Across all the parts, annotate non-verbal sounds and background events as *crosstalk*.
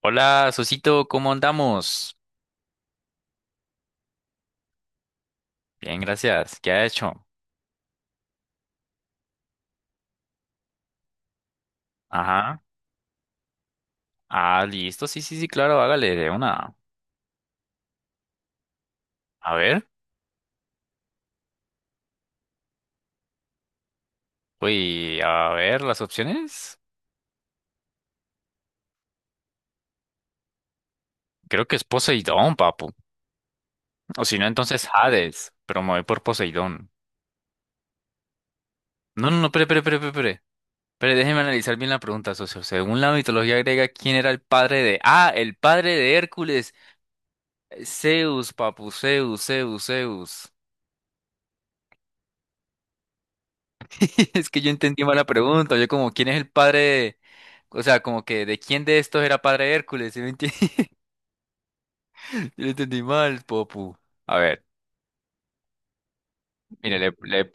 Hola, Sosito, ¿cómo andamos? Bien, gracias. ¿Qué ha hecho? Ajá. Ah, listo. Sí, sí, sí, claro, hágale de una. A ver. Uy, a ver, las opciones. Creo que es Poseidón, papu. O si no, entonces Hades. Pero me voy por Poseidón. No, no, no, pero. Pero déjeme analizar bien la pregunta, socio. Según la mitología griega, ¿quién era el padre de... Ah, el padre de Hércules. Zeus, papu, Zeus, Zeus, Zeus. *laughs* Es que yo entendí mal la pregunta. Yo como, ¿quién es el padre de... O sea, como que, ¿de quién de estos era padre Hércules? *laughs* ¿Sí me entiendes? *laughs* Yo lo entendí mal, papu. A ver, mire, le, le,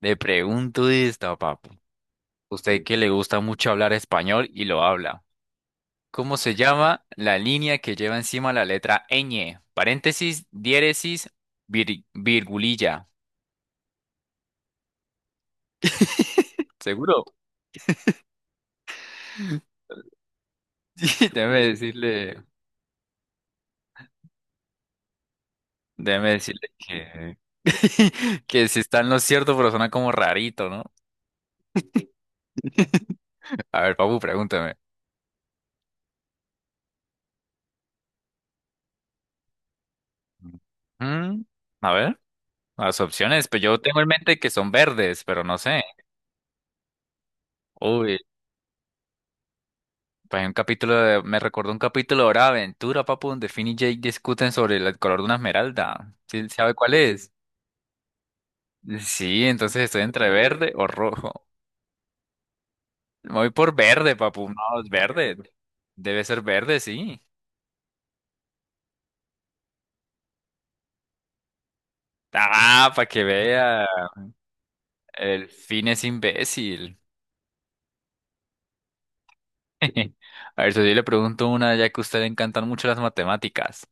le pregunto esto, papu. Usted que le gusta mucho hablar español y lo habla. ¿Cómo se llama la línea que lleva encima la letra ñ? Paréntesis, diéresis, virgulilla. ¿Seguro? *laughs* Déjeme decirle, déjeme decirle *laughs* que si está en lo cierto, pero suena como rarito, ¿no? A ver, Papu, pregúntame. Mm, a ver, las opciones, pues yo tengo en mente que son verdes, pero no sé. Uy, pues hay un capítulo de- me recordó un capítulo de Hora de Aventura, Papu, donde Finn y Jake discuten sobre el color de una esmeralda. ¿Sí sabe cuál es? Sí, entonces estoy entre verde o rojo. Me voy por verde, Papu. No, es verde. Debe ser verde, sí. Ah, para que vea. El Finn es imbécil. *laughs* A ver, si yo le pregunto una, ya que a usted le encantan mucho las matemáticas.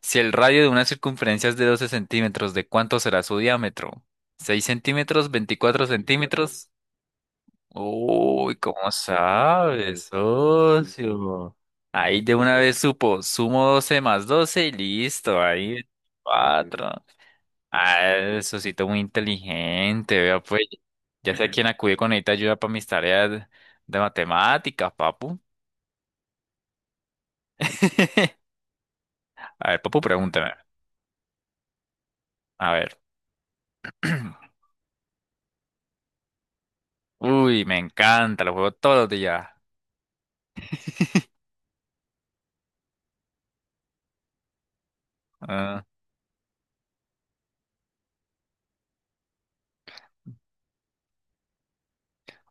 Si el radio de una circunferencia es de 12 centímetros, ¿de cuánto será su diámetro? ¿6 centímetros? ¿24 centímetros? Uy, ¿cómo sabes, socio? Ahí de una vez supo, sumo 12 más 12 y listo, ahí 4. Ah, eso sí, muy inteligente, vea pues. Ya sé a quién acudir con esta ayuda para mis tareas de matemáticas, papu. *laughs* A ver, papu, pregúntame. A ver. Uy, me encanta, lo juego todos los días. Ah.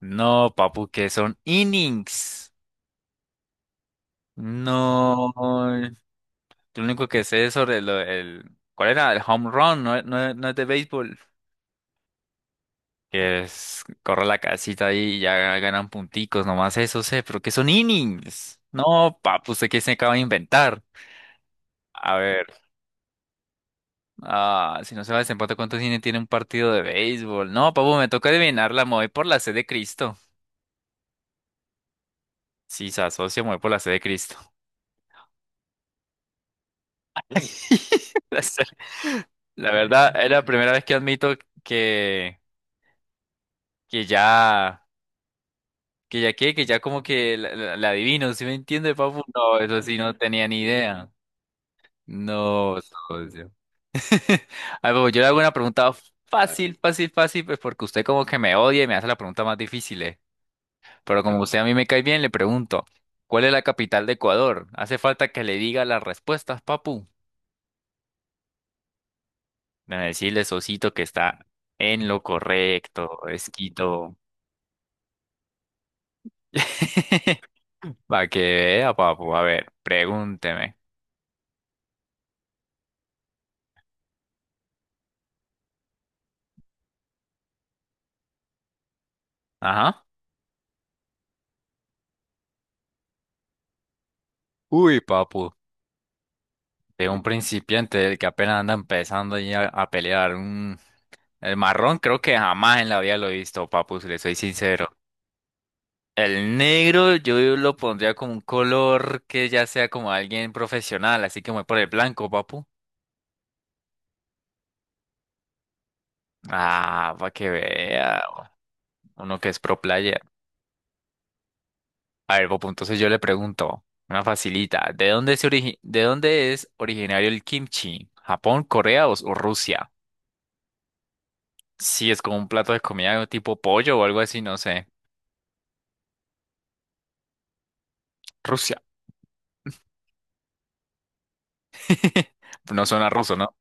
No, papu, que son innings. No. Lo único que sé es sobre lo- el... ¿Cuál era? El home run, no, no, no es de béisbol. Que es, corre la casita ahí y ya ganan punticos, nomás eso sé, pero que son innings. No, papu, ¿usted qué se acaba de inventar? A ver, ah, si no se va a desempate, ¿cuántos innings tiene un partido de béisbol? No, papu, me toca adivinarla, me voy por la C de Cristo. Sí, se asocia, me voy por la C de Cristo. *laughs* La C. La verdad, es la primera vez que admito que, que ya, que ya qué, que ya como que la adivino, ¿sí me entiende, papu? No, eso sí no tenía ni idea. No, socio. *laughs* A ver, papu, yo le hago una pregunta fácil, fácil, fácil, pues porque usted como que me odia y me hace la pregunta más difícil, eh. Pero como usted a mí me cae bien, le pregunto, ¿cuál es la capital de Ecuador? Hace falta que le diga las respuestas, papu. Déjame decirle, Sosito, que está en lo correcto, es Quito. *laughs* Para que vea, papu. A ver, pregúnteme. Ajá. Uy, papu. De un principiante del que apenas anda empezando ahí a pelear. Un... El marrón creo que jamás en la vida lo he visto, papu, si le soy sincero. El negro yo lo pondría como un color que ya sea como alguien profesional, así que me voy por el blanco, papu. Ah, para que vea. Uno que es pro player. A ver, Popo, entonces yo le pregunto, una facilita, ¿de dónde es originario el kimchi? ¿Japón, Corea o Rusia? Sí, es como un plato de comida tipo pollo o algo así, no sé. Rusia. *laughs* No suena ruso, ¿no?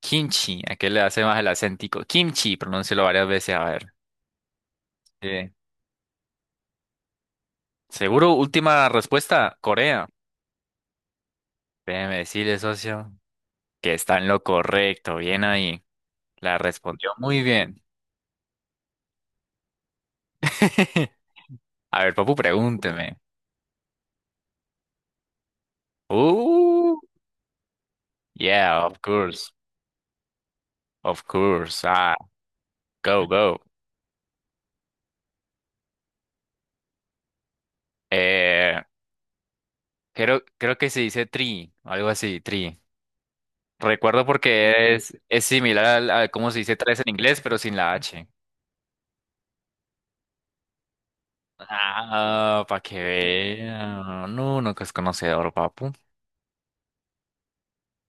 Kimchi, ¿a qué le hace más el acéntico? Kimchi, pronúncialo varias veces, a ver. Sí. Seguro, última respuesta, Corea. Déjeme decirle, socio, que está en lo correcto, bien ahí. La respondió muy bien. *laughs* A ver, Papu, pregúnteme. Uh. Yeah, of course, of course. Ah, go, go. Eh, creo que se dice tree, algo así, tree. Recuerdo porque es similar a, cómo se dice tres en inglés, pero sin la H. Ah, para que vea. No, no que es conocedor, papu.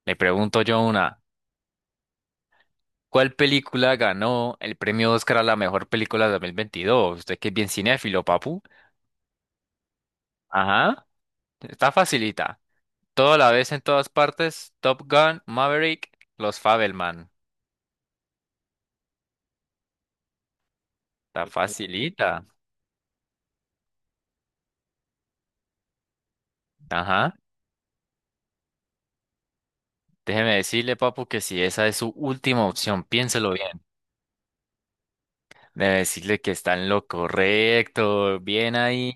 Le pregunto yo una. ¿Cuál película ganó el premio Oscar a la mejor película de 2022? Usted que es bien cinéfilo, papu. Ajá, está facilita. Todo a la vez en todas partes. Top Gun, Maverick, los Fabelman. Está facilita. Ajá. Déjeme decirle, papu, que si esa es su última opción, piénselo bien. Debe decirle que está en lo correcto. Bien ahí.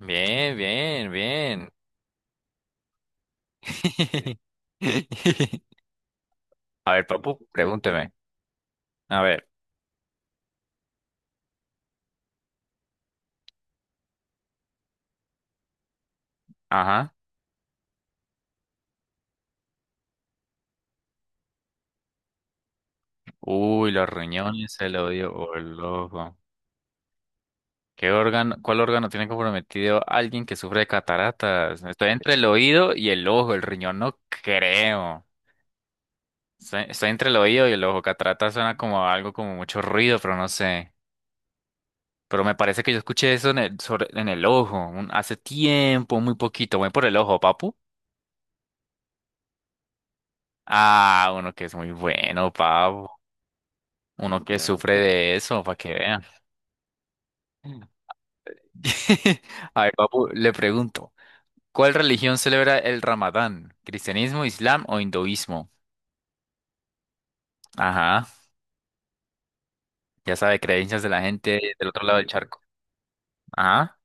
Bien, bien, bien. *laughs* A ver, papu, pregúnteme. A ver. Ajá. Uy, los riñones se lo dio. Oh, loco. ¿Qué órgano, cuál órgano tiene comprometido alguien que sufre de cataratas? Estoy entre el oído y el ojo, el riñón no creo. Estoy entre el oído y el ojo. Cataratas suena como algo como mucho ruido, pero no sé. Pero me parece que yo escuché eso en el ojo, hace tiempo, muy poquito. Voy por el ojo, papu. Ah, uno que es muy bueno, papu. Uno que sufre de eso, para que vean. *laughs* A ver, papu, le pregunto, ¿cuál religión celebra el Ramadán? ¿Cristianismo, Islam o hinduismo? Ajá, ya sabe, creencias de la gente del otro lado del charco. Ajá,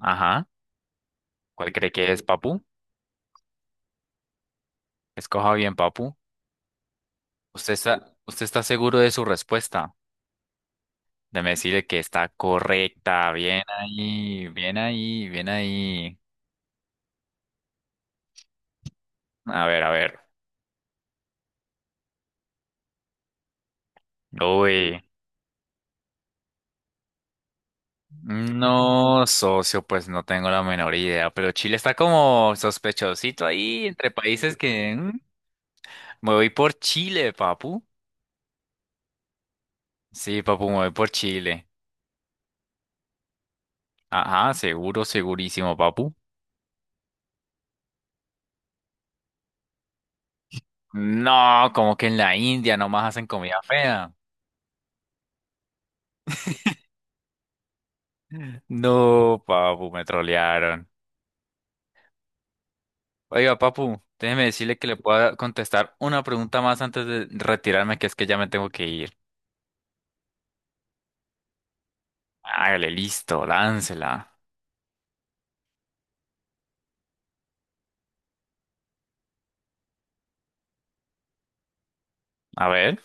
ajá. ¿Cuál cree que es, Papu? Escoja bien, Papu. ¿Usted está seguro de su respuesta? Déjeme decirle que está correcta. Bien ahí, bien ahí, bien ahí. A ver, a ver. Uy. No, socio, pues no tengo la menor idea, pero Chile está como sospechosito ahí entre países que... mm, me voy por Chile, Papu. Sí, Papu, me voy por Chile. Ajá, seguro, segurísimo, papu. No, como que en la India nomás hacen comida fea. No, papu, me trolearon. Oiga, papu, déjeme decirle que le pueda contestar una pregunta más antes de retirarme, que es que ya me tengo que ir. Hágale, listo, láncela. A ver,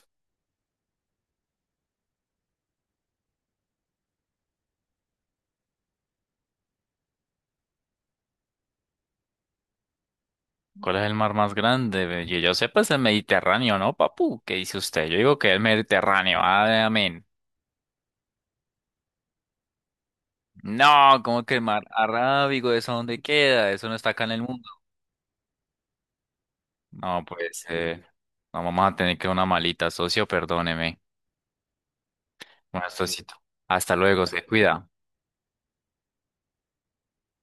¿cuál es el mar más grande? Yo sé, pues el Mediterráneo, ¿no, papu? ¿Qué dice usted? Yo digo que el Mediterráneo. Amén. No, ¿como que el mar Arábigo? ¿Eso dónde queda? Eso no está acá en el mundo. No, pues, no, vamos a tener que una malita, socio, perdóneme. Bueno, socito. Hasta luego, se cuida.